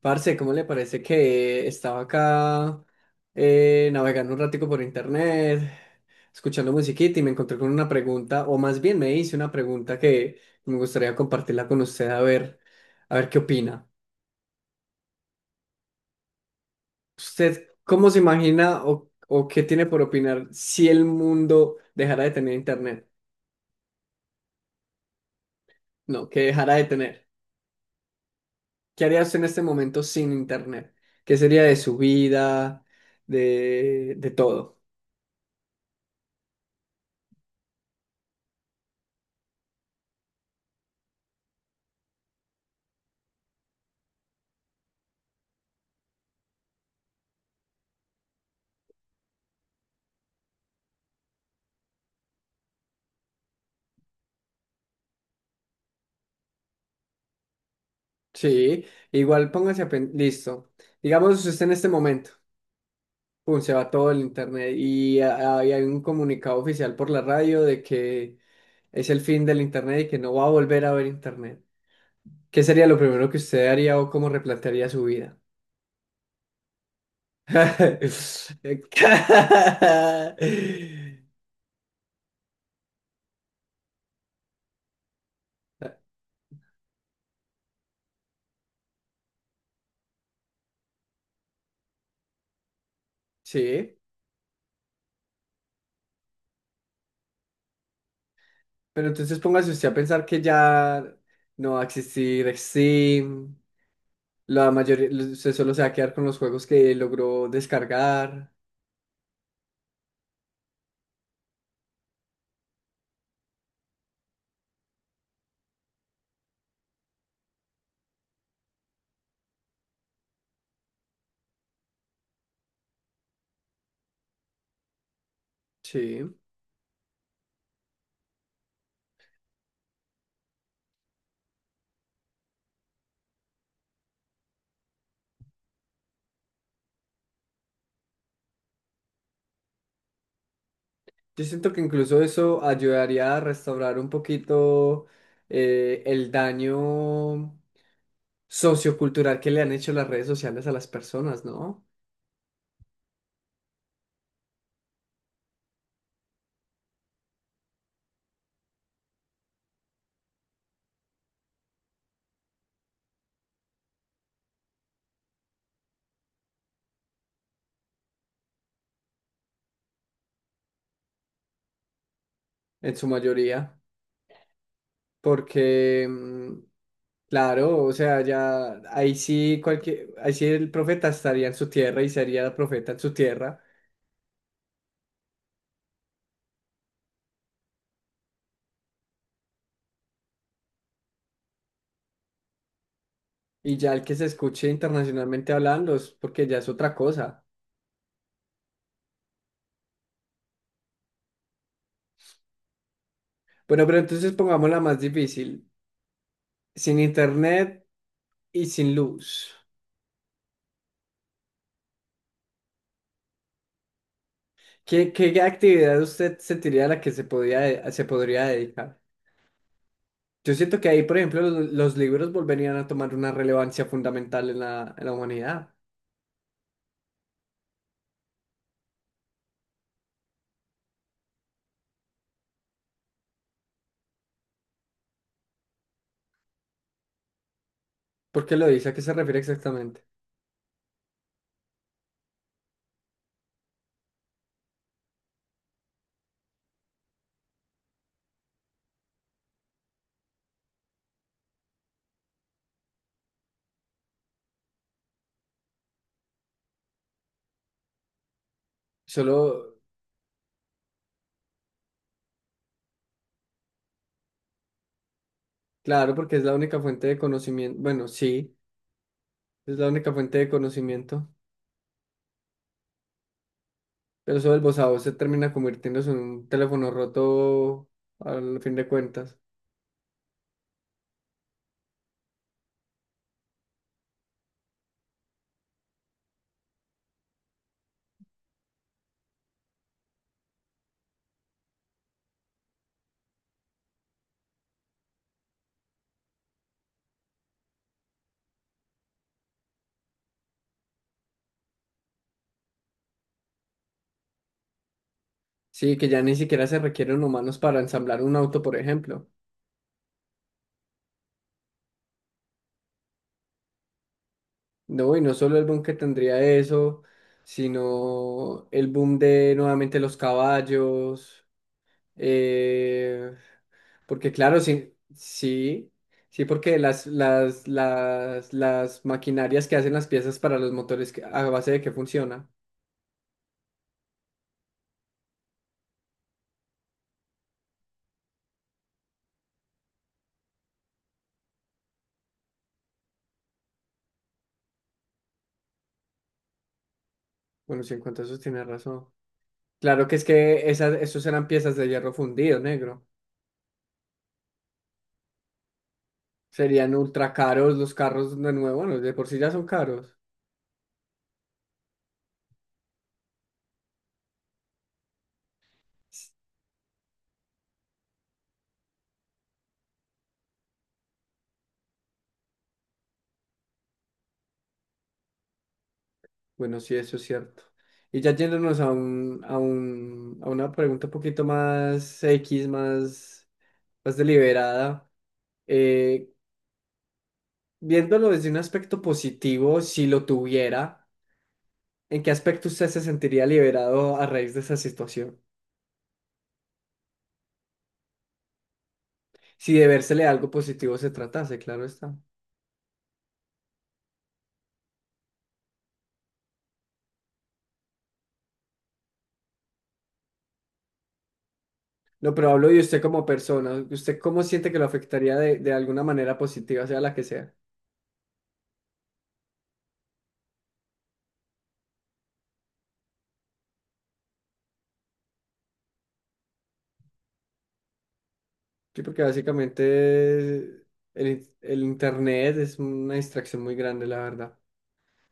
Parce, ¿cómo le parece que estaba acá navegando un ratico por internet, escuchando musiquita y me encontré con una pregunta, o más bien me hice una pregunta que me gustaría compartirla con usted a ver qué opina. ¿Usted cómo se imagina o qué tiene por opinar si el mundo dejara de tener internet? No, que dejara de tener. ¿Qué haría usted en este momento sin internet? ¿Qué sería de su vida, de todo? Sí, igual listo. Digamos, usted en este momento, pum, se va todo el internet y hay un comunicado oficial por la radio de que es el fin del internet y que no va a volver a haber internet. ¿Qué sería lo primero que usted haría o cómo replantearía su vida? Sí, pero entonces póngase usted a pensar que ya no va a existir Steam. La mayoría se solo se va a quedar con los juegos que logró descargar. Sí. Yo siento que incluso eso ayudaría a restaurar un poquito el daño sociocultural que le han hecho las redes sociales a las personas, ¿no? En su mayoría. Porque, claro, o sea, ahí sí el profeta estaría en su tierra y sería el profeta en su tierra. Y ya el que se escuche internacionalmente hablando es porque ya es otra cosa. Bueno, pero entonces pongámosla más difícil. Sin internet y sin luz. ¿Qué actividad usted sentiría a la que se podría dedicar? Yo siento que ahí, por ejemplo, los libros volverían a tomar una relevancia fundamental en la humanidad. ¿Por qué lo dice? ¿A qué se refiere exactamente? Solo, claro, porque es la única fuente de conocimiento. Bueno, sí, es la única fuente de conocimiento. Pero eso del voz a voz se termina convirtiéndose en un teléfono roto al fin de cuentas. Sí, que ya ni siquiera se requieren humanos para ensamblar un auto, por ejemplo. No, y no solo el boom que tendría eso, sino el boom de nuevamente los caballos. eh, Porque claro, sí, porque las maquinarias que hacen las piezas para a base de qué funciona. Bueno, sí, en cuanto a eso tienes razón. Claro que es que esos eran piezas de hierro fundido, negro. Serían ultra caros los carros de nuevo. Bueno, de por sí ya son caros. Bueno, sí, eso es cierto. Y ya yéndonos a una pregunta un poquito más X, más, más deliberada. eh, Viéndolo desde un aspecto positivo, si lo tuviera, ¿en qué aspecto usted se sentiría liberado a raíz de esa situación? Si de vérsele algo positivo se tratase, claro está. No, pero hablo de usted como persona. ¿Usted cómo siente que lo afectaría de alguna manera positiva, sea la que sea? Sí, porque básicamente el internet es una distracción muy grande, la verdad,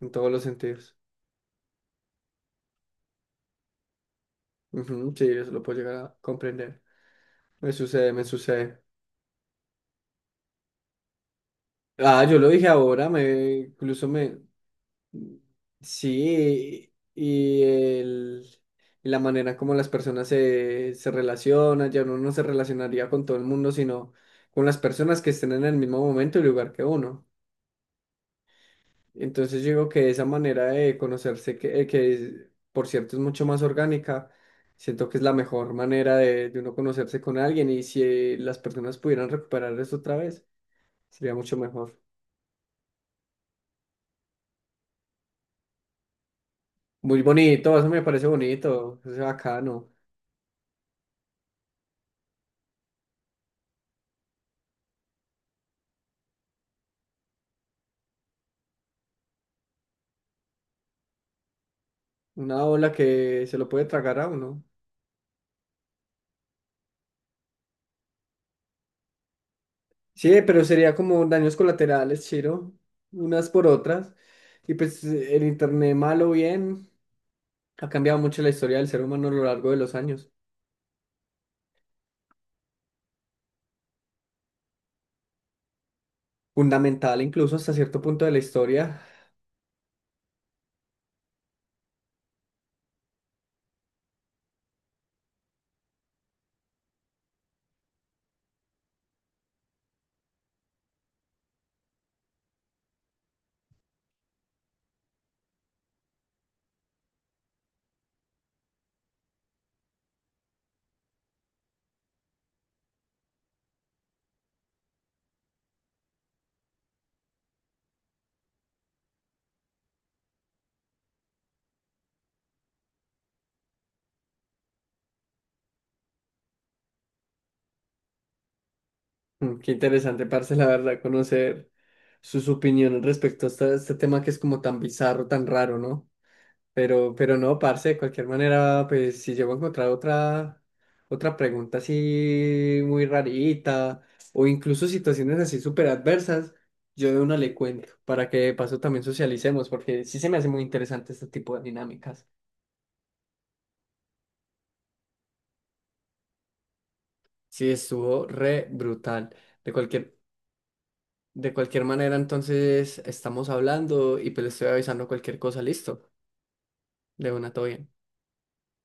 en todos los sentidos. Ujú, sí, eso lo puedo llegar a comprender. Me sucede, me sucede. Ah, yo lo dije ahora, me incluso me... Sí, y la manera como las personas se relacionan, ya uno no se relacionaría con todo el mundo, sino con las personas que estén en el mismo momento y lugar que uno. Entonces yo digo que esa manera de conocerse, que es, por cierto, es mucho más orgánica, siento que es la mejor manera de uno conocerse con alguien, y si las personas pudieran recuperar eso otra vez, sería mucho mejor. Muy bonito, eso me parece bonito, eso es bacano. Una ola que se lo puede tragar a uno. Sí, pero sería como daños colaterales, Chiro, unas por otras. Y pues el internet, malo o bien, ha cambiado mucho la historia del ser humano a lo largo de los años. Fundamental incluso hasta cierto punto de la historia. Mm, qué interesante, parce, la verdad, conocer sus opiniones respecto a tema que es como tan bizarro, tan raro, ¿no? Pero no, parce, de cualquier manera, pues si llego a encontrar otra pregunta así muy rarita o incluso situaciones así súper adversas, yo de una le cuento para que de paso también socialicemos, porque sí se me hace muy interesante este tipo de dinámicas. Sí, estuvo re brutal. De cualquier De cualquier manera, entonces estamos hablando y pues le estoy avisando cualquier cosa, listo. De una, todo bien.